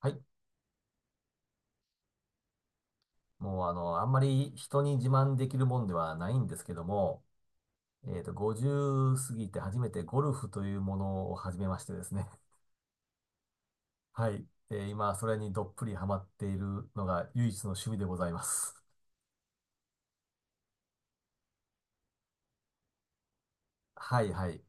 はい。もうあんまり人に自慢できるもんではないんですけども、50過ぎて初めてゴルフというものを始めましてですね。はい。で、今、それにどっぷりハマっているのが唯一の趣味でございます。はい、はい。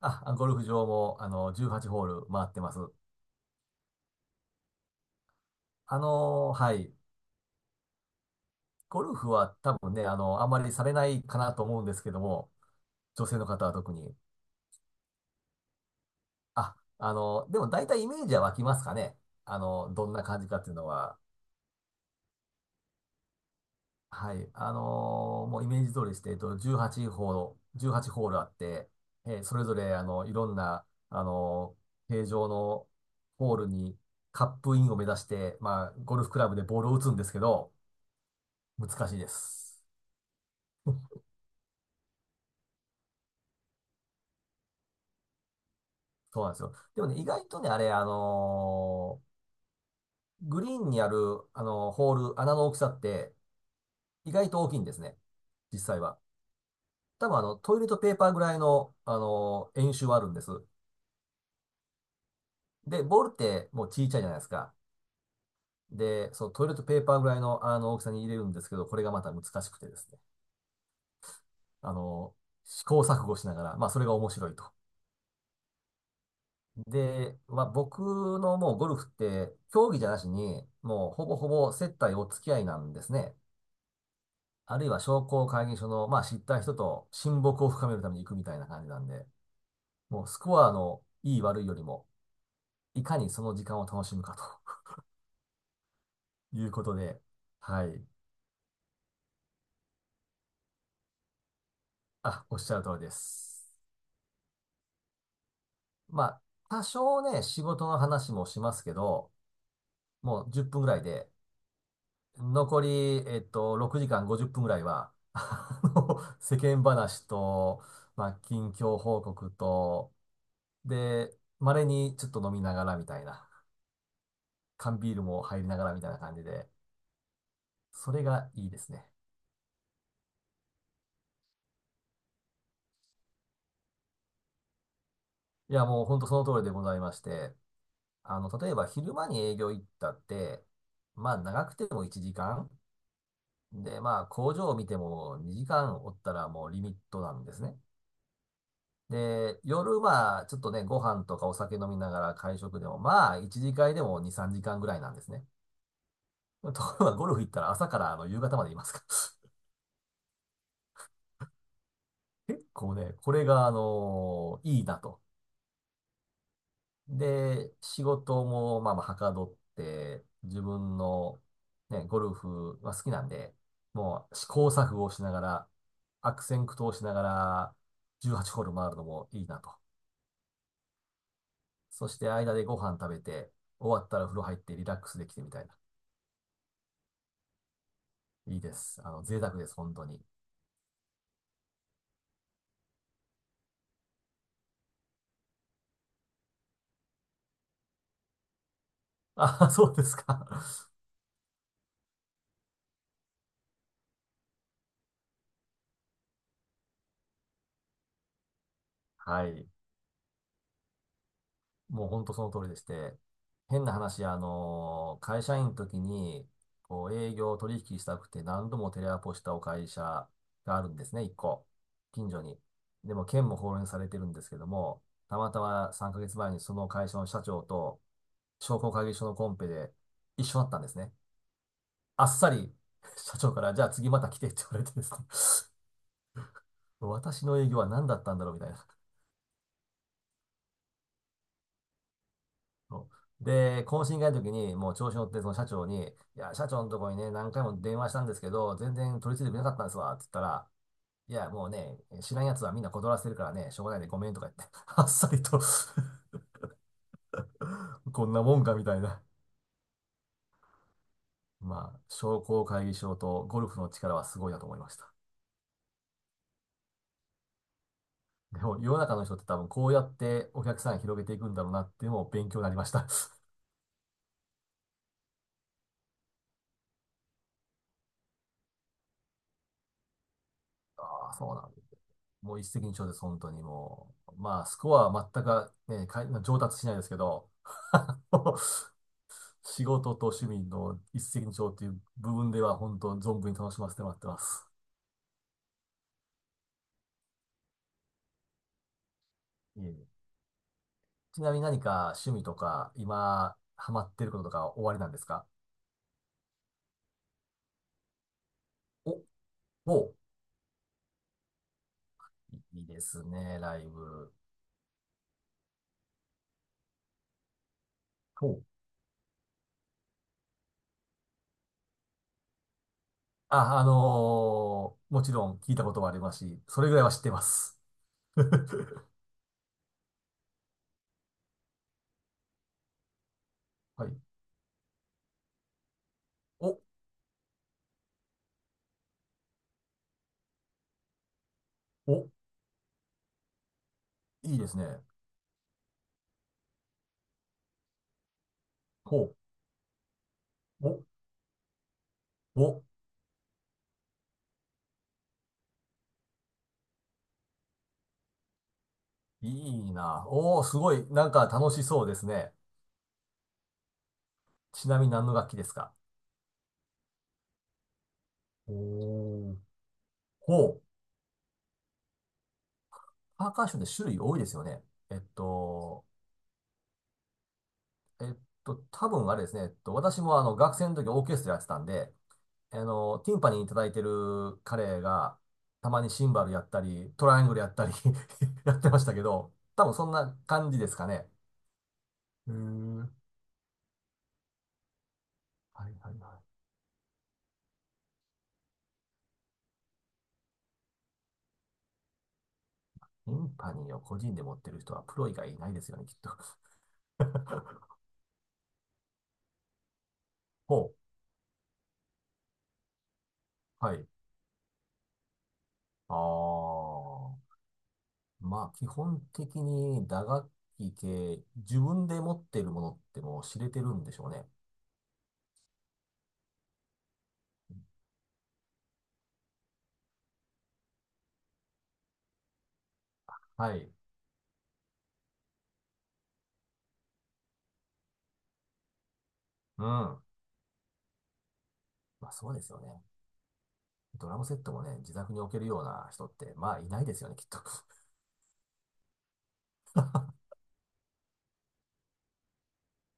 あ、ゴルフ場も、18ホール回ってます。はい。ゴルフは多分ね、あんまりされないかなと思うんですけども、女性の方は特に。あ、でも大体イメージは湧きますかね。どんな感じかっていうのは。はい。もうイメージ通りして、18ホール、18ホールあって、それぞれ、いろんな、形状のホールにカップインを目指して、まあ、ゴルフクラブでボールを打つんですけど、難しいです。そうなんですよ。でもね、意外とね、あれ、グリーンにある、ホール、穴の大きさって、意外と大きいんですね。実際は。多分、トイレットペーパーぐらいの、円周はあるんです。で、ボールってもう小さいじゃないですか。で、そのトイレットペーパーぐらいの、あの大きさに入れるんですけど、これがまた難しくてですね。あの、試行錯誤しながら、まあそれが面白いと。で、まあ僕のもうゴルフって、競技じゃなしに、もうほぼほぼ接待お付き合いなんですね。あるいは商工会議所の、まあ知った人と親睦を深めるために行くみたいな感じなんで、もうスコアのいい悪いよりも、いかにその時間を楽しむかということで、はい。あ、おっしゃる通りです。まあ、多少ね、仕事の話もしますけど、もう10分ぐらいで、残り、6時間50分ぐらいは、世間話と、まあ、近況報告と、で、稀にちょっと飲みながらみたいな、缶ビールも入りながらみたいな感じで、それがいいですね。いや、もうほんとその通りでございまして、例えば昼間に営業行ったって、まあ長くても1時間で、まあ、工場を見ても2時間おったらもうリミットなんですね。で、夜はちょっとね、ご飯とかお酒飲みながら会食でも、まあ、1次会でも2、3時間ぐらいなんですね。ところがゴルフ行ったら朝から夕方までいますから 結構ね、これがいいなと。で、仕事もまあまあはかどって、自分のね、ゴルフは好きなんで、もう試行錯誤をしながら、悪戦苦闘しながら、18ホール回るのもいいなと。そして間でご飯食べて、終わったら風呂入ってリラックスできてみたいな。いいです。贅沢です、本当に。あ、そうですか。はい。もう本当その通りでして、変な話、会社員の時に、こう、営業取引したくて何度もテレアポしたお会社があるんですね、一個。近所に。でも、県も放連されてるんですけども、たまたま3ヶ月前にその会社の社長と商工会議所のコンペで一緒だったんですね。あっさり 社長から、じゃあ次また来てって言われてですね 私の営業は何だったんだろうみたいな。そうで、懇親会の時に、もう調子乗って、その社長に、いや、社長のとこにね、何回も電話したんですけど、全然取り次いでくれなかったんですわ、って言ったら、いや、もうね、知らん奴はみんな断らせてるからね、しょうがないでごめんとか言って、あっさりと こんなもんかみたいな。まあ、商工会議所とゴルフの力はすごいなと思いました。でも、世の中の人って多分こうやってお客さん広げていくんだろうなっていうのも勉強になりました。ああ、そうなんだ。もう一石二鳥です、本当にもう。まあ、スコアは全く、ね、かい上達しないですけど、あの仕事と趣味の一石二鳥っていう部分では、本当存分に楽しませてもらってます。いえいえ、ちなみに何か趣味とか、今、ハマってることとか終わりなんですか？お、お、いいですね、ライブ。お、あ、もちろん聞いたこともありますし、それぐらいは知ってます。はい。お、お、いいですね。ほう。お、お、いいな。おー、すごい。なんか楽しそうですね。ちなみに何の楽器ですか？おー。ほう。パーカッションって種類多いですよね。えっと、えっ多分あれですね。私も学生の時オーケストラやってたんで、ティンパニーに叩いてる彼が、たまにシンバルやったり、トライアングルやったり やってましたけど、多分そんな感じですかね。うーん。はいはいはい。ティンパニーを個人で持ってる人はプロ以外いないですよね、きっと。ほう。はい。ああ。まあ、基本的に打楽器系、自分で持ってるものってもう知れてるんでしょうね。はい。うん。まあ、そうですよね。ドラムセットもね、自宅に置けるような人って、まあ、いないですよね、きっと。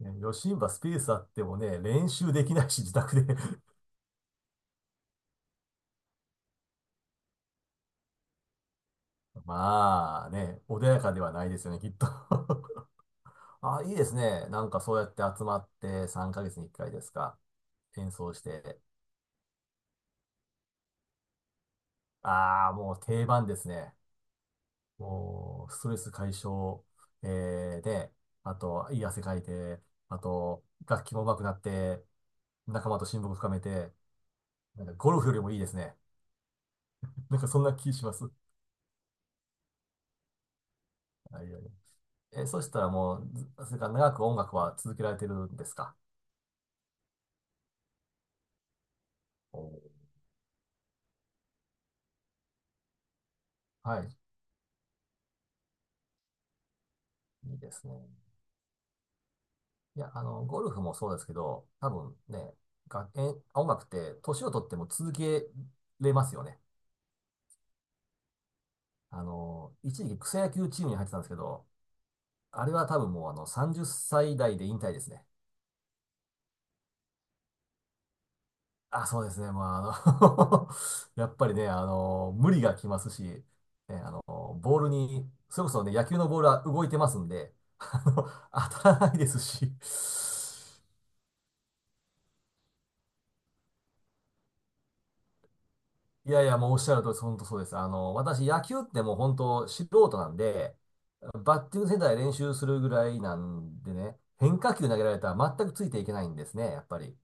ねヨシンバスペースあってもね、練習できないし、自宅で まあね、穏やかではないですよね、きっと ああ、いいですね。なんかそうやって集まって3ヶ月に1回ですか？演奏して。ああ、もう定番ですね。もう、ストレス解消、で、あと、いい汗かいて、あと、楽器も上手くなって、仲間と親睦深めて、なんかゴルフよりもいいですね。なんかそんな気します。はいはいはい、え、そしたらもう、ずそれから長く音楽は続けられてるんですか？おー、はい。いいですね。いや、ゴルフもそうですけど、多分ね、が、え、音楽って年を取っても続けれますよね。一時期草野球チームに入ってたんですけど、あれは多分もう30歳代で引退ですね。あ、そうですね。まあ、あの やっぱりね、無理がきますし、ね、あの、ボールに、それこそね、野球のボールは動いてますんで、当たらないですし。いやいや、もうおっしゃる通り、本当そうです。私、野球ってもう本当素人なんで、バッティングセンターで練習するぐらいなんでね、変化球投げられたら全くついていけないんですね、やっぱり。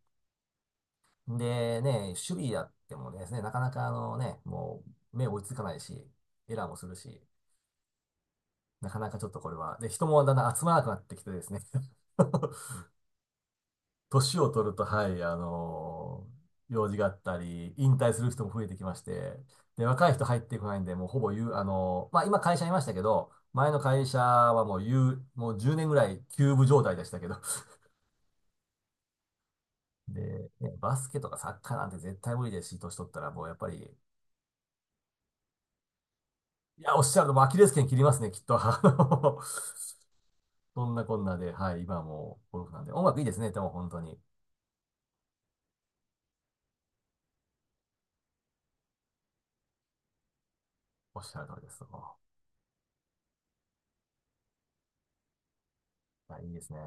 でね、守備やってもですね、なかなかもう目追いつかないし、エラーもするし、なかなかちょっとこれは、で、人もだんだん集まらなくなってきてですね、年を取ると、はい、用事があったり、引退する人も増えてきまして、で、若い人入ってこないんで、もうほぼ言う、まあ今会社いましたけど、前の会社はもう言う、もう10年ぐらい休部状態でしたけど、で、ね、バスケとかサッカーなんて絶対無理ですし、年取ったらもうやっぱりいや、おっしゃると、アキレス腱切りますね、きっと。そんなこんなで、はい、今はもうゴルフなんで。音楽いいですね、でも本当に。おっしゃる通りです。もうはい、いいですね。